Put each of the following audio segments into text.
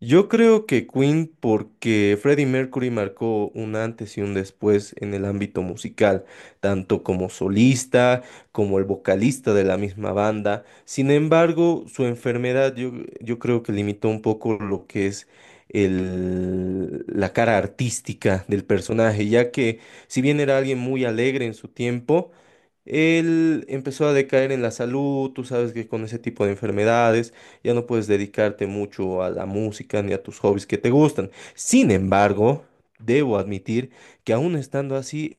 Yo creo que Queen porque Freddie Mercury marcó un antes y un después en el ámbito musical, tanto como solista, como el vocalista de la misma banda. Sin embargo, su enfermedad yo creo que limitó un poco lo que es la cara artística del personaje, ya que si bien era alguien muy alegre en su tiempo, él empezó a decaer en la salud. Tú sabes que con ese tipo de enfermedades ya no puedes dedicarte mucho a la música ni a tus hobbies que te gustan. Sin embargo, debo admitir que aún estando así,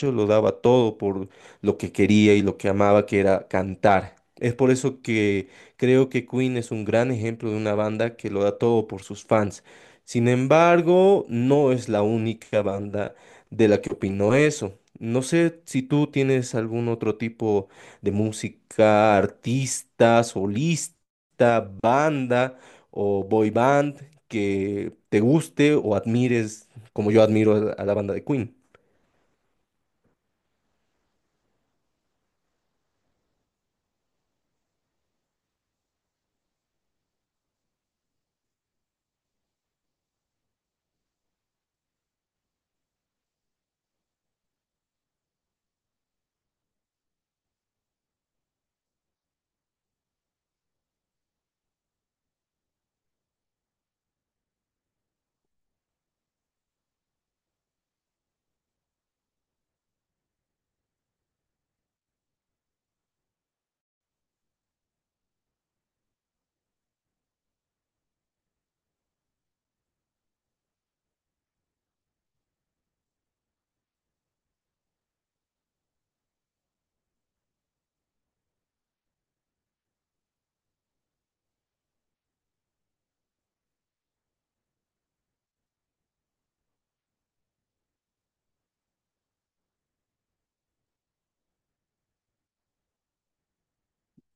lo daba todo por lo que quería y lo que amaba, que era cantar. Es por eso que creo que Queen es un gran ejemplo de una banda que lo da todo por sus fans. Sin embargo, no es la única banda de la que opino eso. No sé si tú tienes algún otro tipo de música, artista, solista, banda o boy band que te guste o admires como yo admiro a la banda de Queen.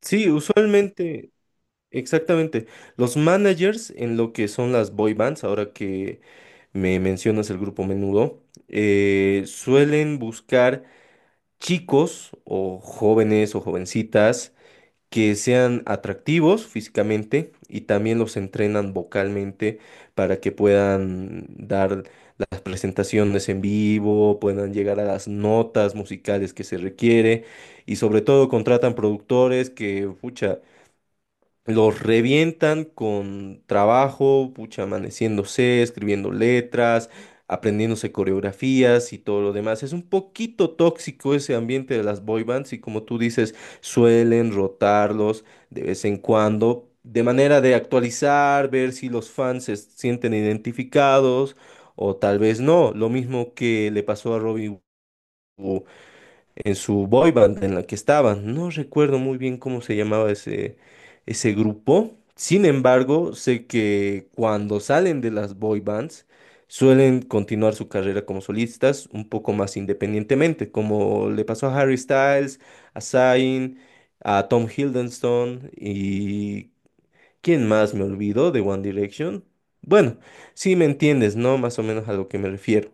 Sí, usualmente, exactamente. Los managers en lo que son las boy bands, ahora que me mencionas el grupo Menudo, suelen buscar chicos o jóvenes o jovencitas que sean atractivos físicamente y también los entrenan vocalmente para que puedan dar las presentaciones en vivo, puedan llegar a las notas musicales que se requiere y sobre todo contratan productores que, pucha, los revientan con trabajo, pucha, amaneciéndose, escribiendo letras, aprendiéndose coreografías y todo lo demás. Es un poquito tóxico ese ambiente de las boy bands y como tú dices, suelen rotarlos de vez en cuando, de manera de actualizar, ver si los fans se sienten identificados o tal vez no. Lo mismo que le pasó a Robbie en su boy band en la que estaba. No recuerdo muy bien cómo se llamaba ese grupo. Sin embargo, sé que cuando salen de las boy bands, suelen continuar su carrera como solistas un poco más independientemente, como le pasó a Harry Styles, a Zayn, a Tom Hiddleston y ¿quién más me olvidó de One Direction? Bueno, sí me entiendes, ¿no? Más o menos a lo que me refiero.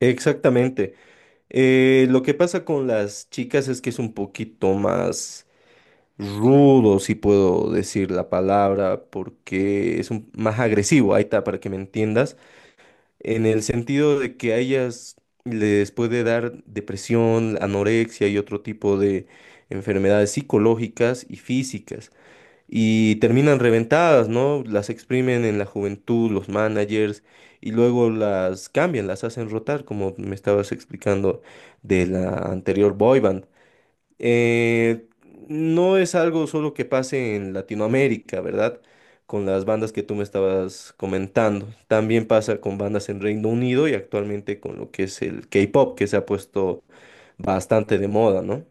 Exactamente. Lo que pasa con las chicas es que es un poquito más rudo, si puedo decir la palabra, porque más agresivo, ahí está, para que me entiendas, en el sentido de que a ellas les puede dar depresión, anorexia y otro tipo de enfermedades psicológicas y físicas y terminan reventadas, ¿no? Las exprimen en la juventud, los managers, y luego las cambian, las hacen rotar, como me estabas explicando de la anterior boy band. Eh, no es algo solo que pase en Latinoamérica, ¿verdad? Con las bandas que tú me estabas comentando. También pasa con bandas en Reino Unido y actualmente con lo que es el K-pop, que se ha puesto bastante de moda, ¿no?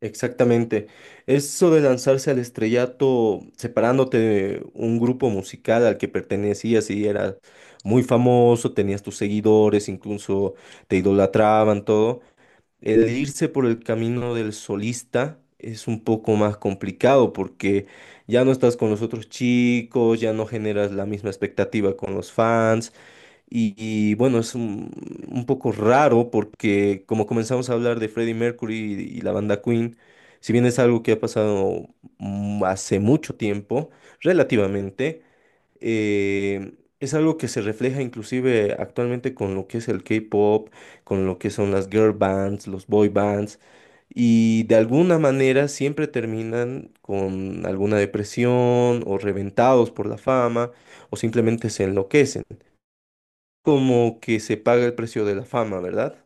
Exactamente. Eso de lanzarse al estrellato separándote de un grupo musical al que pertenecías y eras muy famoso, tenías tus seguidores, incluso te idolatraban, todo. El irse por el camino del solista es un poco más complicado porque ya no estás con los otros chicos, ya no generas la misma expectativa con los fans. Bueno, es un poco raro porque como comenzamos a hablar de Freddie Mercury y la banda Queen, si bien es algo que ha pasado hace mucho tiempo, relativamente, eh, es algo que se refleja inclusive actualmente con lo que es el K-pop, con lo que son las girl bands, los boy bands, y de alguna manera siempre terminan con alguna depresión o reventados por la fama o simplemente se enloquecen, como que se paga el precio de la fama, ¿verdad?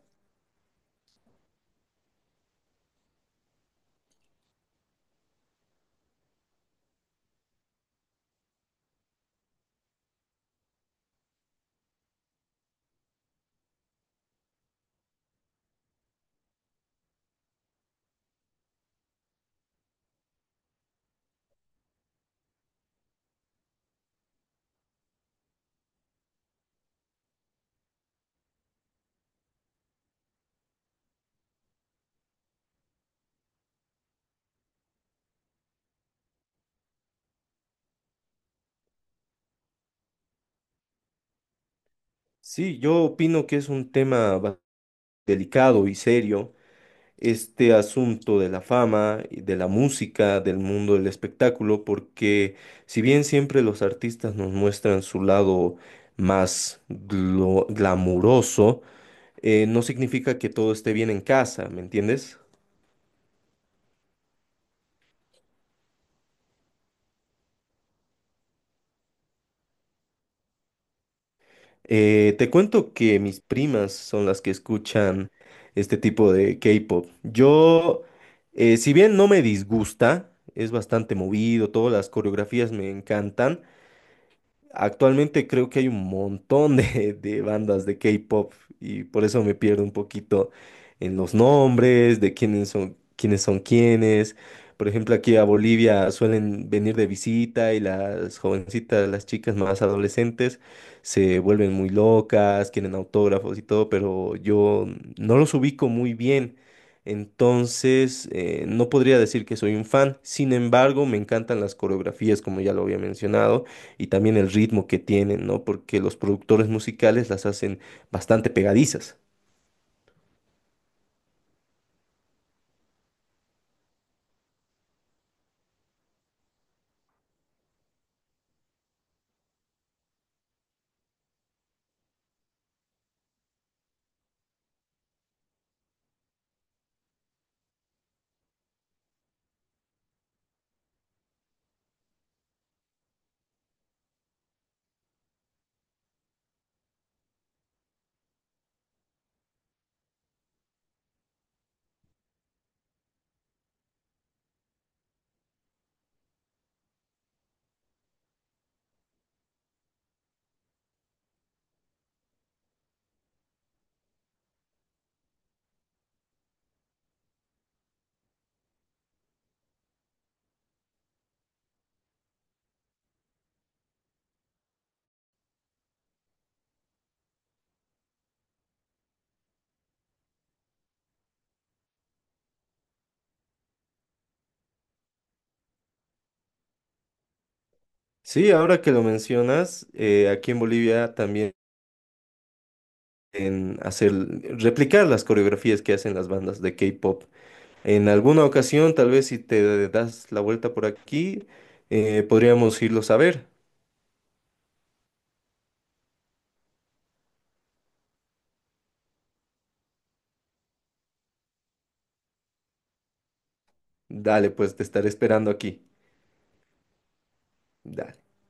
Sí, yo opino que es un tema delicado y serio, este asunto de la fama, y de la música, del mundo del espectáculo, porque si bien siempre los artistas nos muestran su lado más glamuroso. No significa que todo esté bien en casa, ¿me entiendes? Te cuento que mis primas son las que escuchan este tipo de K-pop. Si bien no me disgusta, es bastante movido, todas las coreografías me encantan. Actualmente creo que hay un montón de bandas de K-pop y por eso me pierdo un poquito en los nombres, de quiénes son, quiénes son quiénes. Por ejemplo, aquí a Bolivia suelen venir de visita y las jovencitas, las chicas más adolescentes, se vuelven muy locas, quieren autógrafos y todo, pero yo no los ubico muy bien. Entonces, no podría decir que soy un fan. Sin embargo, me encantan las coreografías, como ya lo había mencionado, y también el ritmo que tienen, ¿no? Porque los productores musicales las hacen bastante pegadizas. Sí, ahora que lo mencionas, aquí en Bolivia también en hacer, replicar las coreografías que hacen las bandas de K-pop. En alguna ocasión, tal vez si te das la vuelta por aquí, podríamos irlos a ver. Dale, pues te estaré esperando aquí. Dale.